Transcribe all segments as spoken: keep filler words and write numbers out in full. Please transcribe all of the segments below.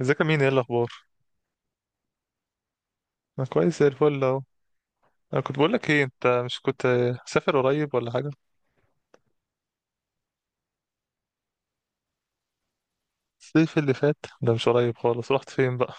ازيك يا مين، ايه الاخبار؟ انا كويس زي الفل اهو. انا كنت بقول لك ايه، انت مش كنت سافر قريب ولا حاجه؟ الصيف اللي فات؟ ده مش قريب خالص، رحت فين بقى؟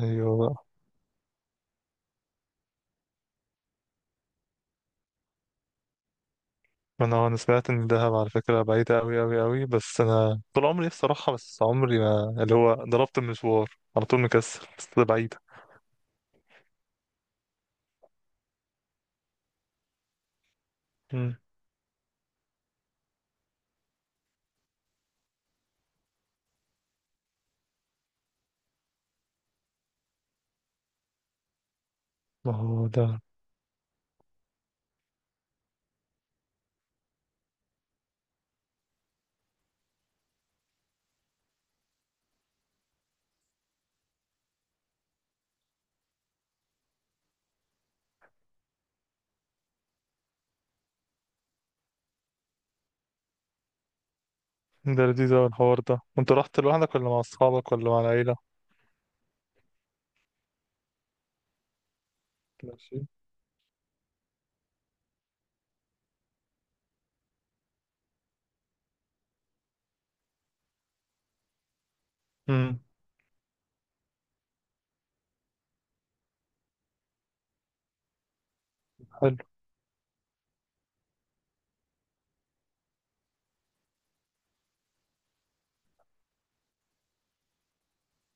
ايوه بقى. انا آه، انا سمعت ان دهب على فكره بعيده قوي قوي قوي، بس انا طول عمري نفسي اروحها، بس عمري ما اللي هو ضربت المشوار على طول، مكسل، بس ده بعيده. امم. ما هو ده. ده لذيذ أوي الحوار ده، انت رحت لوحدك ولا مع اصحابك ولا مع العيله؟ ماشي. امم. حلو.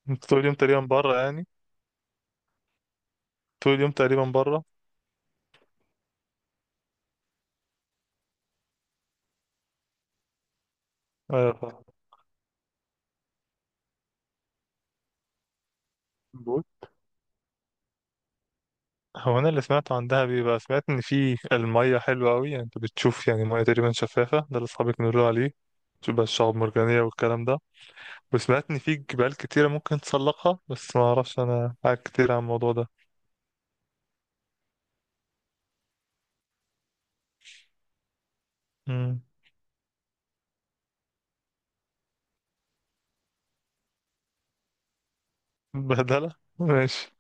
انت طول اليوم تقريبا بره يعني؟ طول اليوم تقريبا بره؟ ايوه. فاهم. هو انا اللي سمعته عن دهب، بيبقى سمعت ان في المية حلوة قوي، يعني انت بتشوف يعني مية تقريبا شفافة، ده اللي اصحابي كانوا يقولوا عليه. تشوف بقى الشعاب المرجانية والكلام ده. وسمعت ان في جبال كتيرة ممكن تسلقها، بس ما اعرفش انا حاجة كتير عن الموضوع ده. امم. بهدلة ماشي.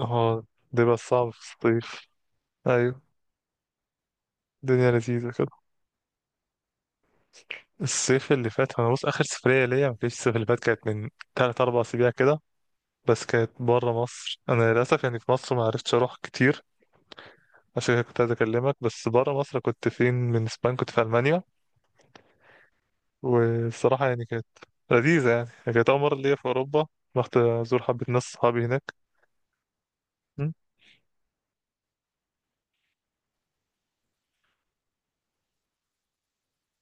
اه. ده بقى صعب في الصيف. ايوه. الدنيا لذيذة كده. الصيف اللي فات انا بص، اخر سفرية ليا ما كانتش الصيف اللي فات، كانت من ثلاثة أربعة اسابيع كده. بس كانت بره مصر. انا للاسف يعني في مصر ما عرفتش اروح كتير، عشان كده كنت عايز اكلمك. بس بره مصر كنت فين؟ من اسبانيا، كنت في المانيا. والصراحه يعني كانت لذيذه يعني يعني، كانت اول مره ليا في اوروبا. رحت ازور حبه ناس صحابي هناك. م.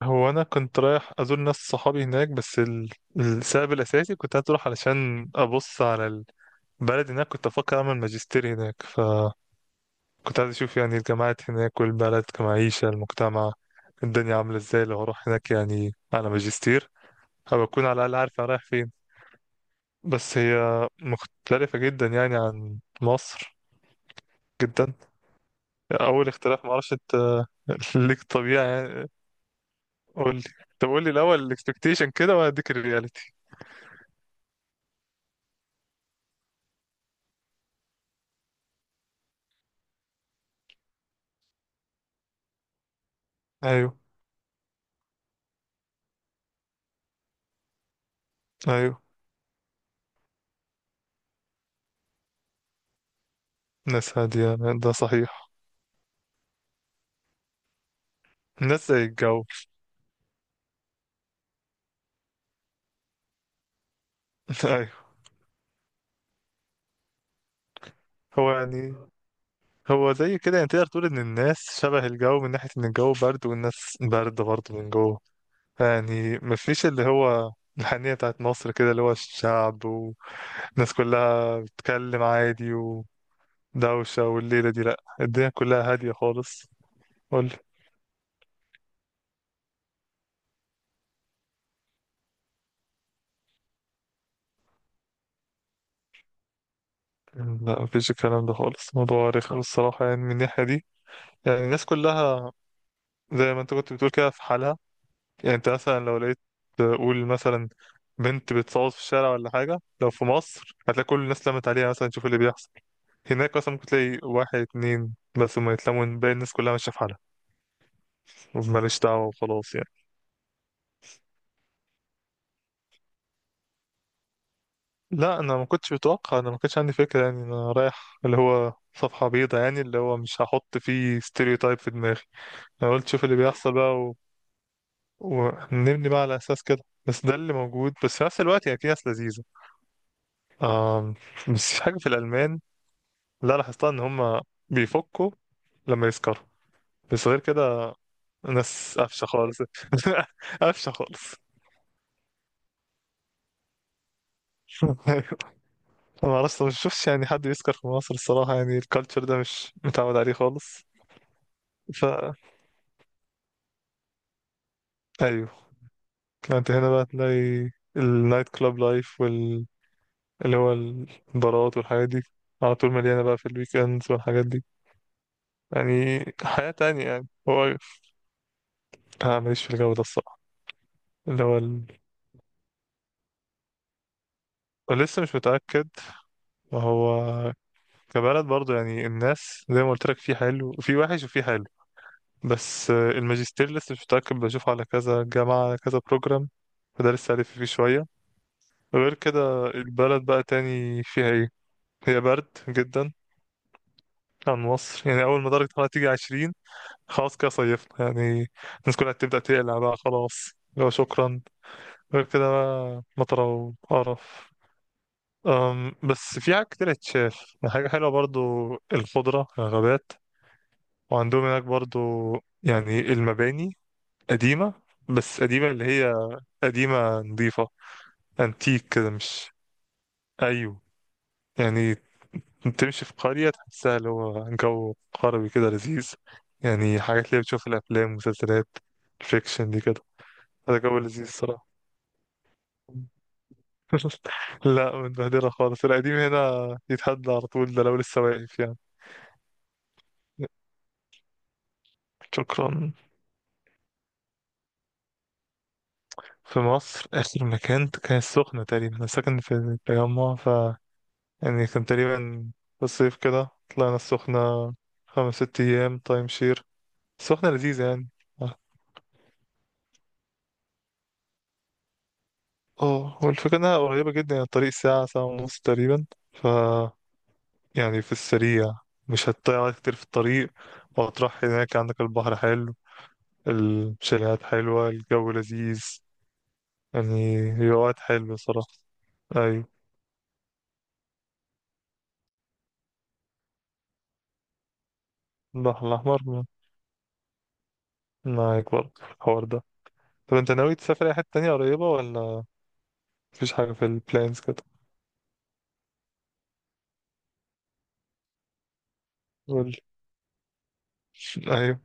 هو انا كنت رايح ازور ناس صحابي هناك، بس ال- السبب الاساسي كنت عايز اروح علشان ابص على البلد هناك. كنت افكر اعمل ماجستير هناك، فكنت عايز اشوف يعني الجامعات هناك والبلد كمعيشه، المجتمع، الدنيا عامله ازاي لو هروح هناك يعني على ماجستير، هبقى اكون على الاقل عارف أنا رايح فين. بس هي مختلفة جدا يعني عن مصر، جدا. أول اختلاف، معرفش أنت ليك طبيعة يعني. قول لي. طب قول لي الأول الإكسبكتيشن كده وهديك الرياليتي. أيوه. أيوه. ناس هادية. ده صحيح. ناس زي الجو. أيوه. هو يعني، هو زي كده يعني، تقدر تقول إن الناس شبه الجو، من ناحية إن الجو برد والناس برد برضه من جوه. يعني مفيش اللي هو الحنية بتاعت مصر كده، اللي هو الشعب والناس كلها بتتكلم عادي، دوشة والليلة دي، لأ، الدنيا كلها هادية خالص. قول. لا مفيش الكلام ده خالص، موضوع رخم الصراحة يعني، من الناحية دي. يعني الناس كلها زي ما انت كنت بتقول كده، في حالها. يعني انت مثلا لو لقيت، تقول مثلا، بنت بتصوت في الشارع ولا حاجة، لو في مصر هتلاقي كل الناس لمت عليها مثلا تشوف اللي بيحصل. هناك مثلا ممكن تلاقي واحد اتنين بس هما يتلموا، باقي الناس كلها ماشية في حالها، ماليش دعوة وخلاص يعني. لا انا ما كنتش متوقع، انا ما كانش عندي فكره يعني، انا رايح اللي هو صفحه بيضاء يعني، اللي هو مش هحط فيه ستيريوتايب في دماغي. انا قلت شوف اللي بيحصل بقى و... ونبني بقى على اساس كده. بس ده اللي موجود، بس في نفس الوقت يعني في ناس لذيذه. آم... بس في حاجه في الالمان لا لاحظتها، ان هم بيفكوا لما يسكروا. بس غير كده ناس قفشه خالص. قفشه خالص. أيوة. ما اعرفش، ما شفتش يعني حد يسكر في مصر الصراحه يعني، الكالتشر ده مش متعود عليه خالص. ايوه. انت هنا بقى تلاقي النايت كلاب لايف وال، اللي هو البارات والحاجات دي، على طول مليانة بقى في الويكندز والحاجات دي، يعني حياة تانية يعني هو. أنا ماليش في الجو ده الصراحة. اللي هو ال... ولسه مش متأكد. وهو كبلد برضه يعني الناس زي ما قلت لك، في حلو وفي وحش وفي حلو. بس آه، الماجستير لسه مش متأكد، بشوفه على كذا جامعة على كذا بروجرام، فده لسه ألف فيه شوية. غير كده البلد بقى تاني فيها ايه؟ هي برد جدا عن مصر، يعني أول ما درجة الحرارة تيجي عشرين، خلاص كده صيفنا يعني، الناس كلها تبدأ تقلع بقى خلاص. لو شكرا. غير كده بقى مطرة وقرف. أم بس في حاجة كتير اتشاف، حاجة حلوة برضو، الخضرة، الغابات. وعندهم هناك برضو يعني المباني قديمة، بس قديمة اللي هي قديمة نظيفة، انتيك كده، مش أيوه يعني، تمشي في قرية تحسها اللي هو جو قربي كده لذيذ، يعني حاجات اللي بتشوف الأفلام، مسلسلات، الفيكشن دي كده. هذا جو لذيذ الصراحة. لا متبهدلة خالص، القديم هنا يتهد على طول، ده لو لسه واقف يعني. شكرا. في مصر آخر مكان كان السخنة تقريبا. أنا ساكن في التجمع، ف يعني كان تقريبا في الصيف كده، طلعنا السخنة خمس ست أيام تايم شير. السخنة لذيذة يعني. اه، هو الفكرة انها قريبة جدا يعني الطريق ساعة ساعة ونص تقريبا، ف يعني في السريع مش هتضيع وقت كتير في الطريق، وهتروح هناك عندك البحر حلو، الشاليهات حلوة، الجو لذيذ، يعني هي وقت حلو صراحة. أيوة. البحر الأحمر م-، معاك برضه الحوار ده. طب أنت ناوي تسافر أي حتة تانية قريبة، ولا مفيش حاجة في البلانز كده؟ قول. أيوة.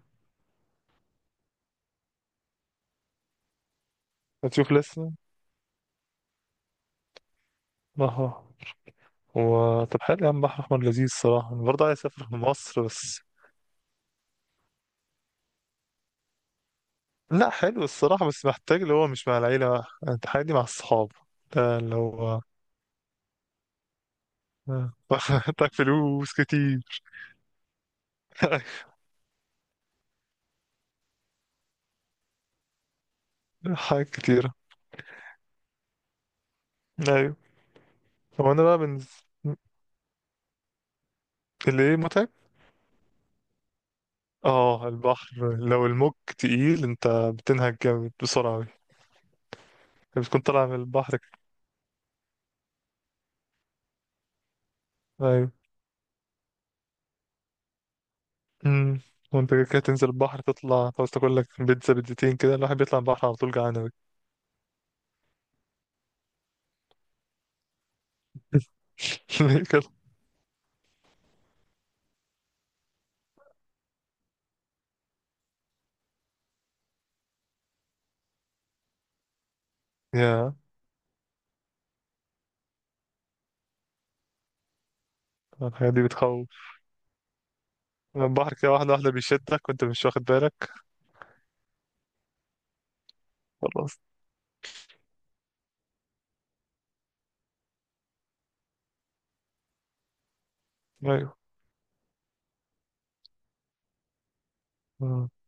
هتشوف لسه. بحر أحمر. و طب حلو يا عم، بحر أحمر لذيذ الصراحة، أنا برضه عايز أسافر في مصر بس. لا حلو الصراحة، بس محتاج اللي هو مش مع العيلة بقى، انت حاجة دي مع الصحاب، ده اللي هو. آه. محتاج فلوس كتير. حاجات كتيرة. ايوه. هو انا بقى من، اللي ايه، متعب. اه البحر لو الموج تقيل انت بتنهج جامد بسرعة أوي، بتكون طالع من البحر كده. ايوه. امم. وانت كده كده تنزل البحر، تطلع عاوز تاكل لك بيتزا بيتزتين كده، الواحد بيطلع البحر على طول جعان أوي. ليه كده؟ يا. الحاجات دي بتخوف، البحر كده واحدة واحدة بيشدك وانت مش واخد بالك. خلاص. ايوه. آه.